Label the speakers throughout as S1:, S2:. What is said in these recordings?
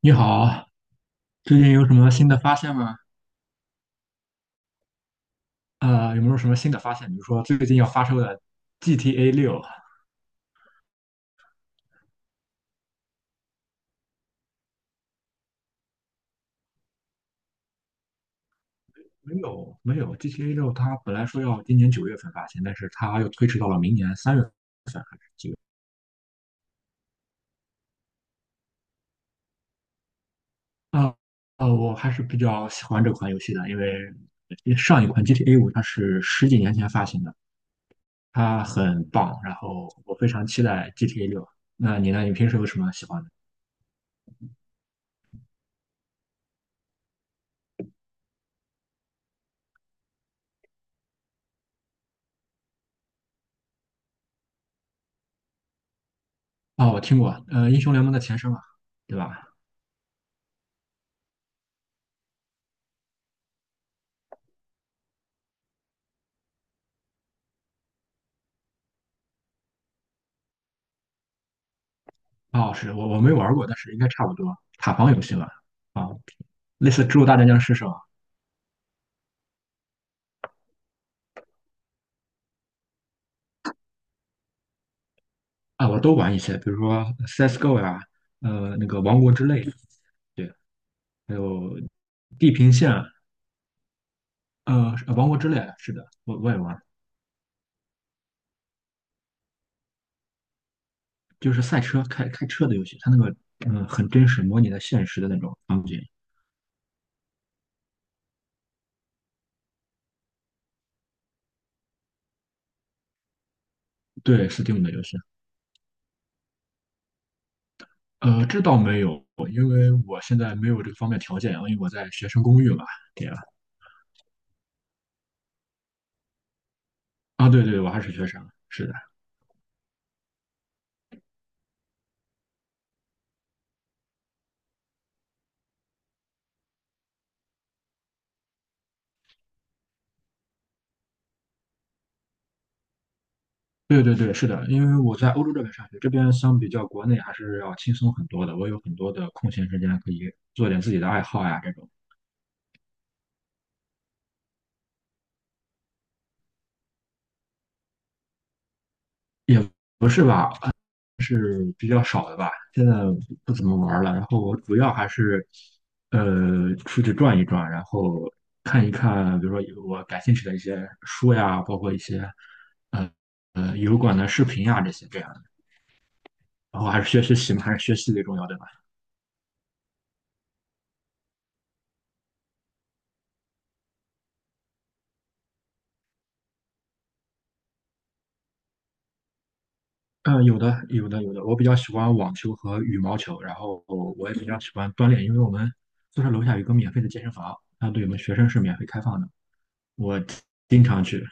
S1: 你好，最近有什么新的发现吗？有没有什么新的发现？比如说最近要发售的 GTA 六，没有没有，GTA 六它本来说要今年9月份发行，但是它又推迟到了明年3月份。我还是比较喜欢这款游戏的，因为上一款 GTA 五它是十几年前发行的，它很棒，然后我非常期待 GTA 六。那你呢？你平时有什么喜欢的？哦，我听过，英雄联盟的前身嘛，对吧？哦，是我没玩过，但是应该差不多。塔防游戏吧。啊，类似《植物大战僵尸》是吧？啊，我都玩一些，比如说 CS:GO 呀、那个《王国之泪》，对，还有《地平线》，是王国之泪》是的，我也玩，就是赛车开车的游戏，它那个很真实，模拟的现实的那种场景。对，Steam 的游戏，这倒没有，因为我现在没有这个方面条件啊，因为我在学生公寓嘛，对吧？啊，对对，我还是学生，是的。对对对，是的，因为我在欧洲这边上学，这边相比较国内还是要轻松很多的。我有很多的空闲时间可以做点自己的爱好呀，这种也不是吧，是比较少的吧。现在不怎么玩了，然后我主要还是出去转一转，然后看一看，比如说有我感兴趣的一些书呀，包括一些呃油管的视频呀这些这样的。然后还是学习嘛，还是学习最重要对吧？嗯，有的，有的，有的。我比较喜欢网球和羽毛球，然后我也比较喜欢锻炼，因为我们宿舍楼下有一个免费的健身房，它对我们学生是免费开放的，我经常去。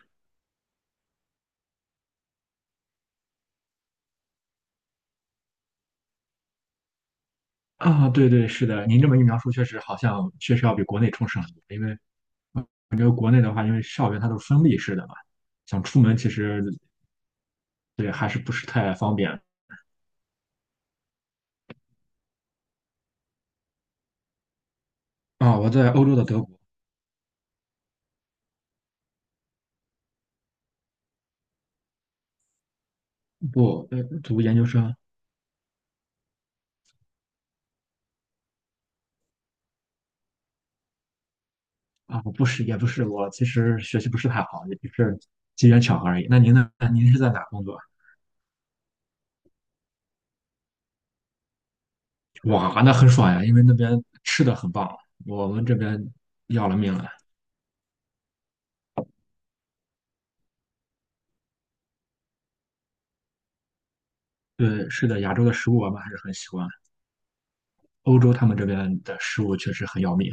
S1: 啊，对对，是的，您这么一描述，确实好像确实要比国内充实很多，因为感觉国内的话，因为校园它都是封闭式的嘛，想出门其实对还是不是太方便。啊，我在欧洲的德国，不，读研究生，啊，不是，也不是，我其实学习不是太好，也就是机缘巧合而已。那您呢？您是在哪工作？哇，那很爽呀，因为那边吃的很棒，我们这边要了命了。对，是的，亚洲的食物我们还是很喜欢，欧洲他们这边的食物确实很要命。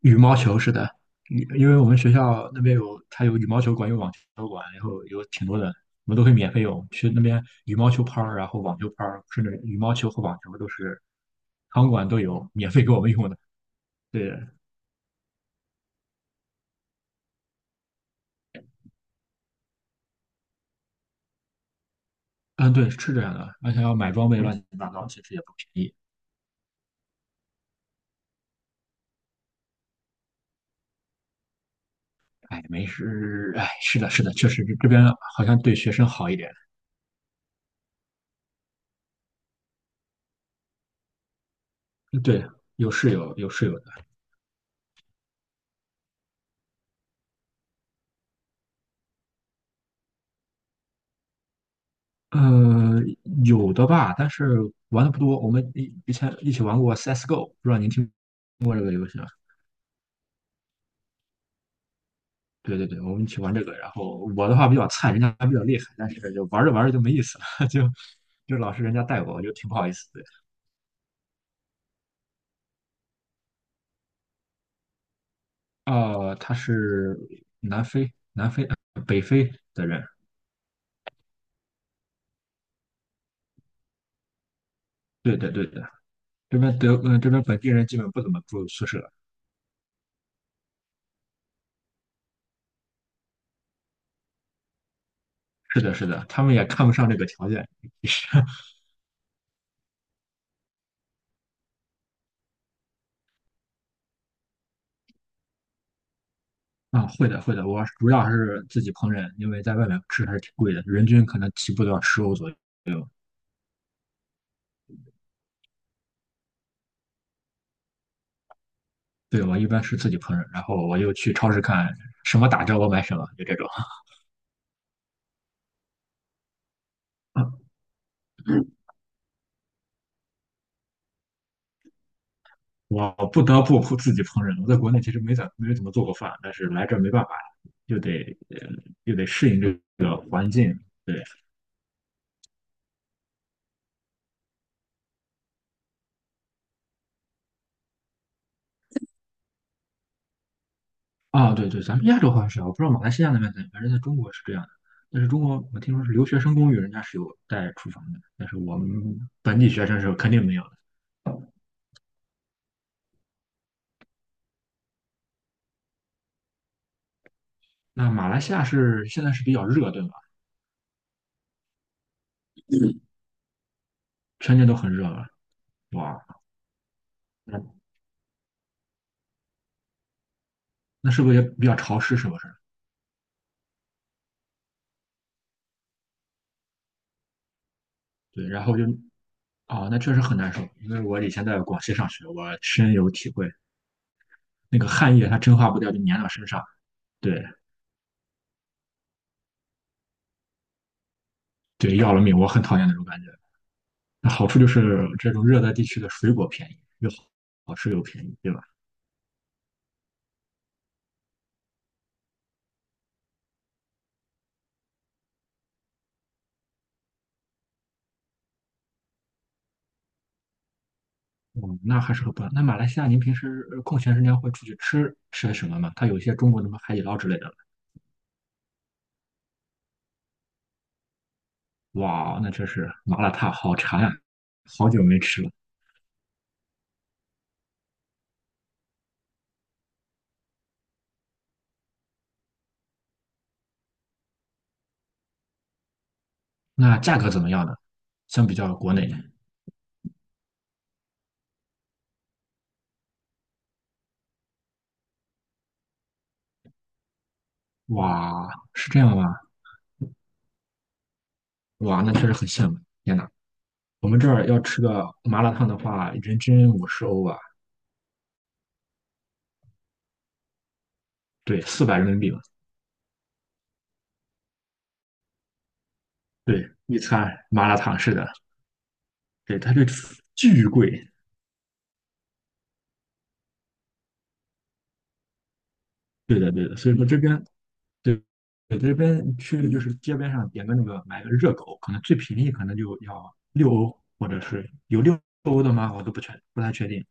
S1: 羽毛球是的，因为我们学校那边有，它有羽毛球馆，有网球馆，然后有挺多的，我们都会免费用。去那边羽毛球拍儿，然后网球拍儿，甚至羽毛球和网球都是场馆都有免费给我们用的。对，嗯，对，是这样的，而且要买装备乱七八糟，其实也不便宜。哎，没事，哎，是的，是的，确实这边好像对学生好一点。嗯对，有室友，有室友的，呃，有的吧，但是玩的不多。我们以前一起玩过 CS:GO，不知道您听过这个游戏吗？对对对，我们一起玩这个。然后我的话比较菜，人家比较厉害，但是就玩着玩着就没意思了，就老是人家带我，我就挺不好意思的。呃，他是南非、北非的人，对对对对。这边本地人基本不怎么住宿舍。是的，是的，他们也看不上这个条件啊。会的，会的，我主要还是自己烹饪，因为在外面吃还是挺贵的，人均可能起步都要十欧左右。对，我一般是自己烹饪，然后我又去超市看什么打折我买什么，就这种。我不得不自己烹饪。我在国内其实没怎么做过饭，但是来这儿没办法，又得呃又得适应这个环境。对。啊，对对，咱们亚洲好像是啊，我不知道马来西亚那边怎样，反正在中国是这样的。但是中国我听说是留学生公寓，人家是有带厨房的，但是我们本地学生是肯定没有的。那马来西亚是现在是比较热，对吧？全年都很热了，哇，那那是不是也比较潮湿？是不是？对，然后就啊，那确实很难受，因为我以前在广西上学，我深有体会，那个汗液它蒸发不掉，就粘到身上，对对，要了命，我很讨厌那种感觉。那好处就是这种热带地区的水果便宜，又好吃又便宜，对吧？嗯，那还是很棒。那马来西亚，您平时空闲时间会出去吃些什么吗？它有一些中国的什么海底捞之类的。哇，那真是麻辣烫好馋啊，好久没吃了。那价格怎么样呢？相比较国内，哇，是这样吗？哇，那确实很羡慕。天呐，我们这儿要吃个麻辣烫的话，人均50欧啊，对，400人民币吧。对，一餐麻辣烫是的，对，它这巨贵。对的，对的，所以说这边对，对这边去就是街边上点个那个买个热狗，可能最便宜可能就要六欧，或者是有六欧的吗？我都不太确定，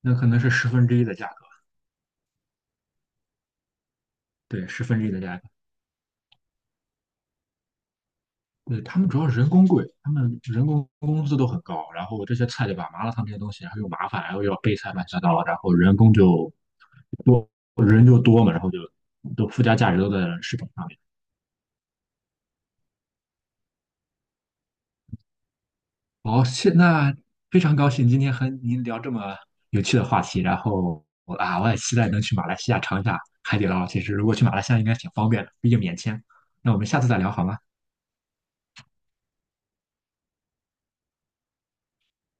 S1: 那可能是十分之一的价格，对，十分之一的价格。对，他们主要人工贵，他们人工工资都很高，然后这些菜对吧，麻辣烫这些东西，还后又麻烦，然后又要备菜乱七八糟，然后人工就多，人就多嘛，然后就都附加价值都在食品上面。哦，那非常高兴今天和您聊这么有趣的话题，然后我啊，我也期待能去马来西亚尝一下海底捞。其实如果去马来西亚应该挺方便的，毕竟免签。那我们下次再聊好吗？